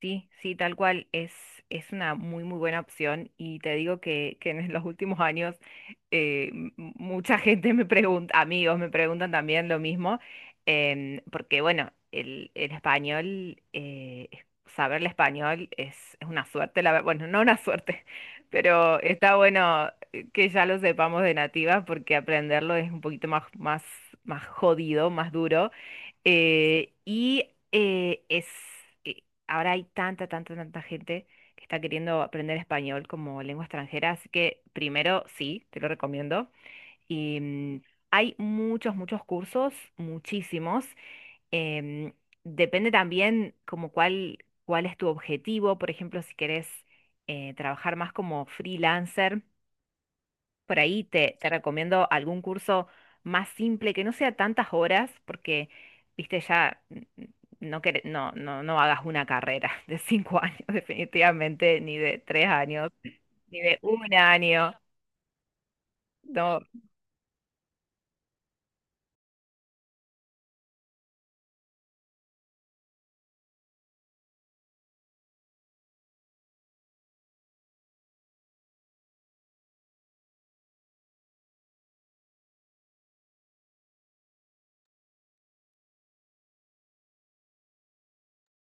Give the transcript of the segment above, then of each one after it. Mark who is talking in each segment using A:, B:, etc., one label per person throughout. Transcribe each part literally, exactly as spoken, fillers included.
A: Sí, sí, tal cual. Es, es una muy, muy buena opción. Y te digo que, que en los últimos años eh, m- mucha gente me pregunta, amigos me preguntan también lo mismo, em, porque bueno, el, el español, eh, es- saber el español es, es una suerte, la, ver- bueno, no una suerte, pero está bueno eh, que ya lo sepamos de nativa porque aprenderlo es un poquito más, más, más jodido, más duro. Eh, y eh, es, eh, Ahora hay tanta, tanta, tanta gente que está queriendo aprender español como lengua extranjera, así que primero sí, te lo recomiendo. Y mm, Hay muchos, muchos cursos, muchísimos. Em, Depende también como cuál, cuál es tu objetivo. Por ejemplo, si querés eh, trabajar más como freelancer, por ahí te, te recomiendo algún curso más simple, que no sea tantas horas, porque, viste, ya n- n- no, quere- no, no, no hagas una carrera de cinco años, definitivamente, ni de tres años, ni de un año. No.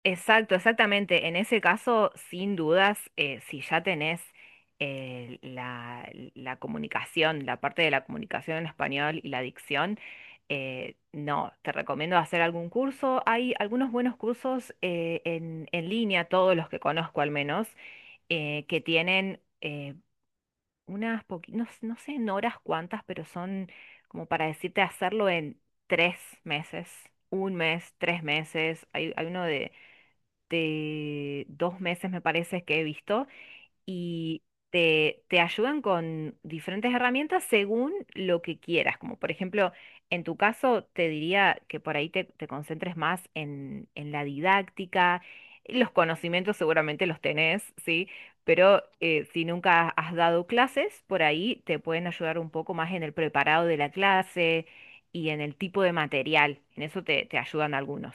A: Exacto, exactamente. En ese caso, sin dudas, eh, si ya tenés eh, la, la comunicación, la parte de la comunicación en español y la dicción, eh, no, te recomiendo hacer algún curso. Hay algunos buenos cursos eh, en, en línea, todos los que conozco al menos, eh, que tienen eh, unas poquitas, no, no sé en horas cuántas, pero son como para decirte hacerlo en tres meses, un mes, tres meses. Hay, hay uno de de dos meses, me parece que he visto, y te, te ayudan con diferentes herramientas según lo que quieras. Como por ejemplo, en tu caso, te diría que por ahí te, te concentres más en, en la didáctica. Los conocimientos seguramente los tenés, ¿sí? Pero eh, si nunca has dado clases, por ahí te pueden ayudar un poco más en el preparado de la clase y en el tipo de material. En eso te, te ayudan algunos.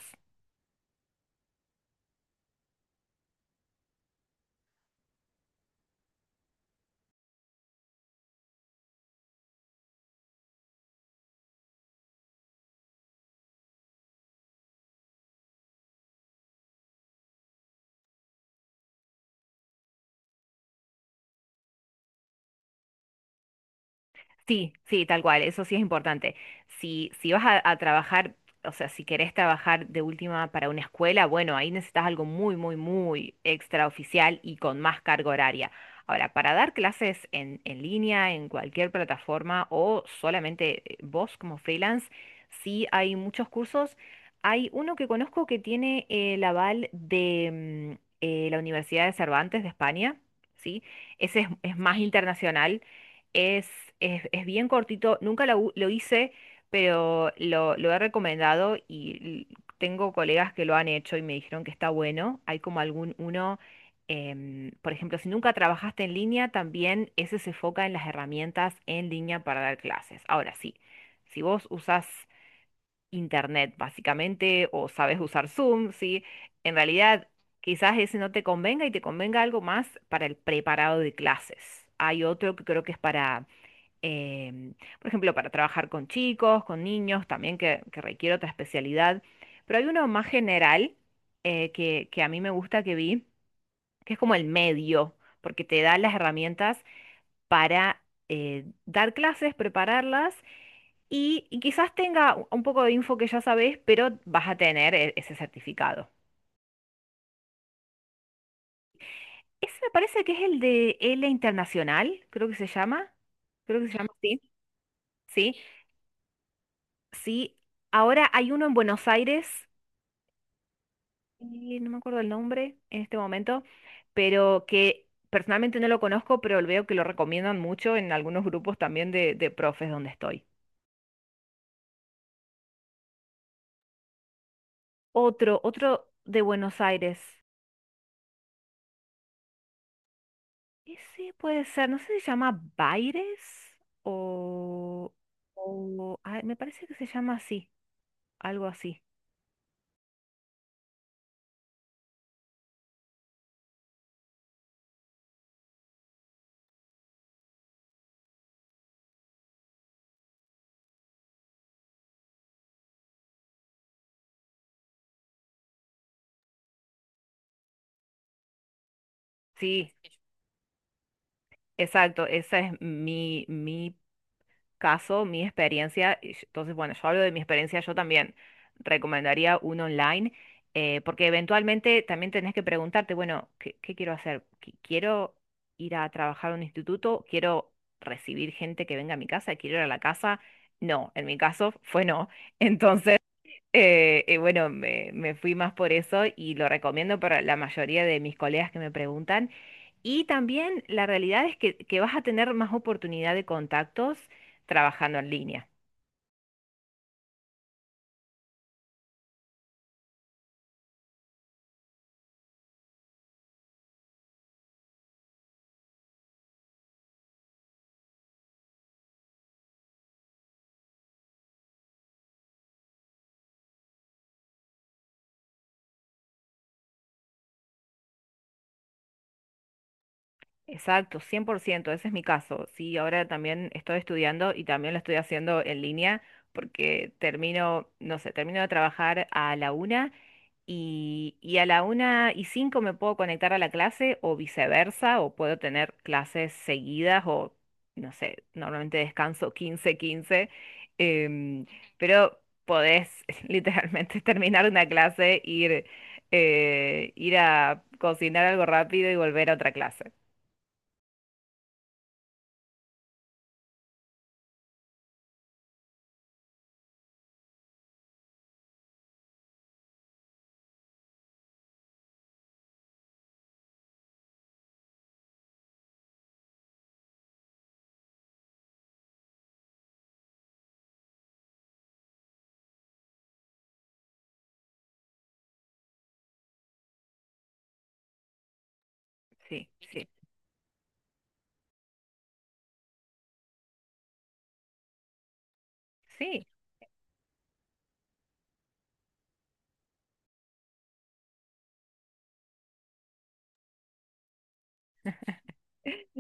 A: Sí, sí, tal cual, eso sí es importante. Si, si vas a, a trabajar, o sea, si querés trabajar de última para una escuela, bueno, ahí necesitas algo muy, muy, muy extraoficial y con más carga horaria. Ahora, para dar clases en, en línea, en cualquier plataforma o solamente eh, vos como freelance, sí hay muchos cursos. Hay uno que conozco que tiene eh, el aval de mm, eh, la Universidad de Cervantes de España, ¿sí? Ese es, es más internacional. Es, es, es bien cortito, nunca lo, u- lo hice, pero lo, lo he recomendado y l- tengo colegas que lo han hecho y me dijeron que está bueno. Hay como algún uno, em, por ejemplo, si nunca trabajaste en línea, también ese se enfoca en las herramientas en línea para dar clases. Ahora sí, si vos usás internet básicamente o sabes usar Zoom, sí, en realidad quizás ese no te convenga y te convenga algo más para el preparado de clases. Hay otro que creo que es para em, por ejemplo, para trabajar con chicos, con niños, también que, que requiere otra especialidad. Pero hay uno más general eh, que, que a mí me gusta que vi, que es como el medio, porque te da las herramientas para eh, dar clases, prepararlas y, y quizás tenga u- un poco de info que ya sabés, pero vas a tener e- ese certificado. Ese me parece que es el de L Internacional, creo que se llama. Creo que se llama así. Sí, sí. Ahora hay uno en Buenos Aires y no me acuerdo el nombre en este momento, pero que personalmente no lo conozco, pero veo que lo recomiendan mucho en algunos grupos también de, de profes donde estoy. Otro, otro de Buenos Aires. Ese puede ser, no sé si se llama Baires o, o ah, me parece que se llama así, algo así. Sí, exacto, esa es mi, mi caso, mi experiencia, y yo- entonces, bueno, yo hablo de mi experiencia. Yo también recomendaría un online, eh, porque eventualmente también tenés que preguntarte, bueno, ¿qué, qué quiero hacer? Qui- ¿Quiero ir a trabajar a un instituto? ¿Quiero recibir gente que venga a mi casa? ¿Quiero ir a la casa? No, en mi caso fue no. Entonces, eh, eh, bueno, me, me fui más por eso y lo recomiendo para la mayoría de mis colegas que me preguntan. Y también la realidad es que, que vas a tener más oportunidad de contactos trabajando en línea. Exacto, cien por ciento ese es mi caso. Sí, ahora también estoy estudiando y también lo estoy haciendo en línea porque termino, no sé, termino de trabajar a la una y, y a la una y cinco me puedo conectar a la clase, o viceversa, o puedo tener clases seguidas o, no sé, normalmente descanso quince quince. em, pero podés literalmente terminar una clase, ir, eh, ir a cocinar algo rápido y volver a otra clase. Sí, sí, sí.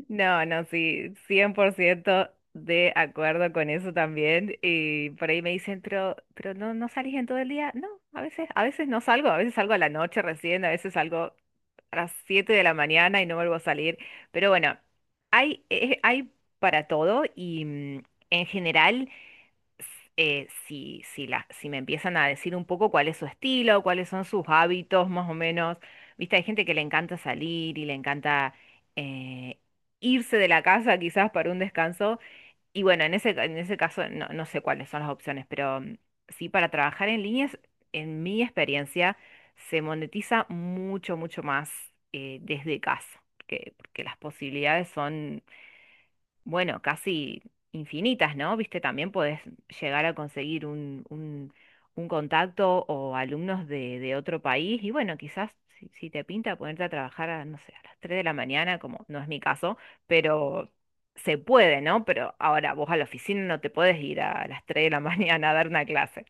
A: No, no, sí, cien por ciento de acuerdo con eso también. Y por ahí me dicen, pero, pero no, no salís en todo el día. No, a veces, a veces no salgo, a veces salgo a la noche recién, a veces salgo a las siete de la mañana y no vuelvo a salir. Pero bueno, hay, eh, hay para todo y mm, en general eh, si, si, la- si me empiezan a decir un poco cuál es su estilo, cuáles son sus hábitos, más o menos. Viste, hay gente que le encanta salir y le encanta eh, irse de la casa quizás para un descanso. Y bueno, en ese, ca- en ese caso no, no sé cuáles son las opciones, pero mm, sí, para trabajar en líneas, en mi experiencia, se monetiza mucho, mucho más eh, desde casa, que- porque las posibilidades son bueno, casi infinitas, ¿no? Viste, también podés llegar a conseguir un, un, un contacto o alumnos de, de otro país y bueno, quizás si, si te pinta ponerte a trabajar a, no sé, a las tres de la mañana, como no es mi caso, pero se puede, ¿no? Pero ahora vos a la oficina no te puedes ir a las tres de la mañana a dar una clase.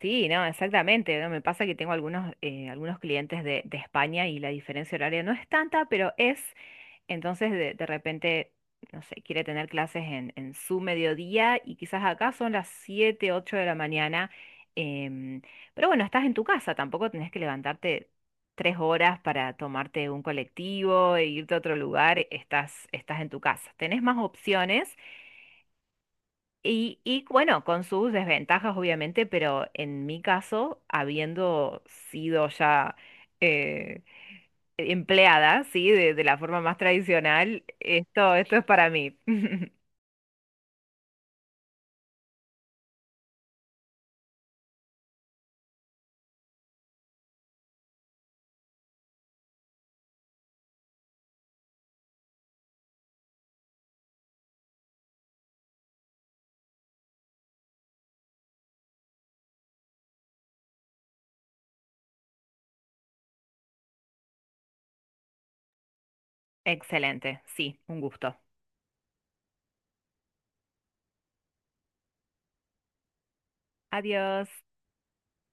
A: Sí, no, exactamente, ¿no? Me pasa que tengo algunos, eh, algunos clientes de, de España y la diferencia horaria no es tanta, pero es... Entonces, de, de repente, no sé, quiere tener clases en, en su mediodía y quizás acá son las siete ocho de la mañana. em, pero bueno, estás en tu casa, tampoco tenés que levantarte tres horas para tomarte un colectivo e irte a otro lugar, estás, estás en tu casa. Tenés más opciones y, y bueno, con sus desventajas obviamente, pero en mi caso, habiendo sido ya... eh, empleada, ¿sí? De, de la forma más tradicional. Esto, esto es para mí. Excelente, sí, un gusto. Adiós.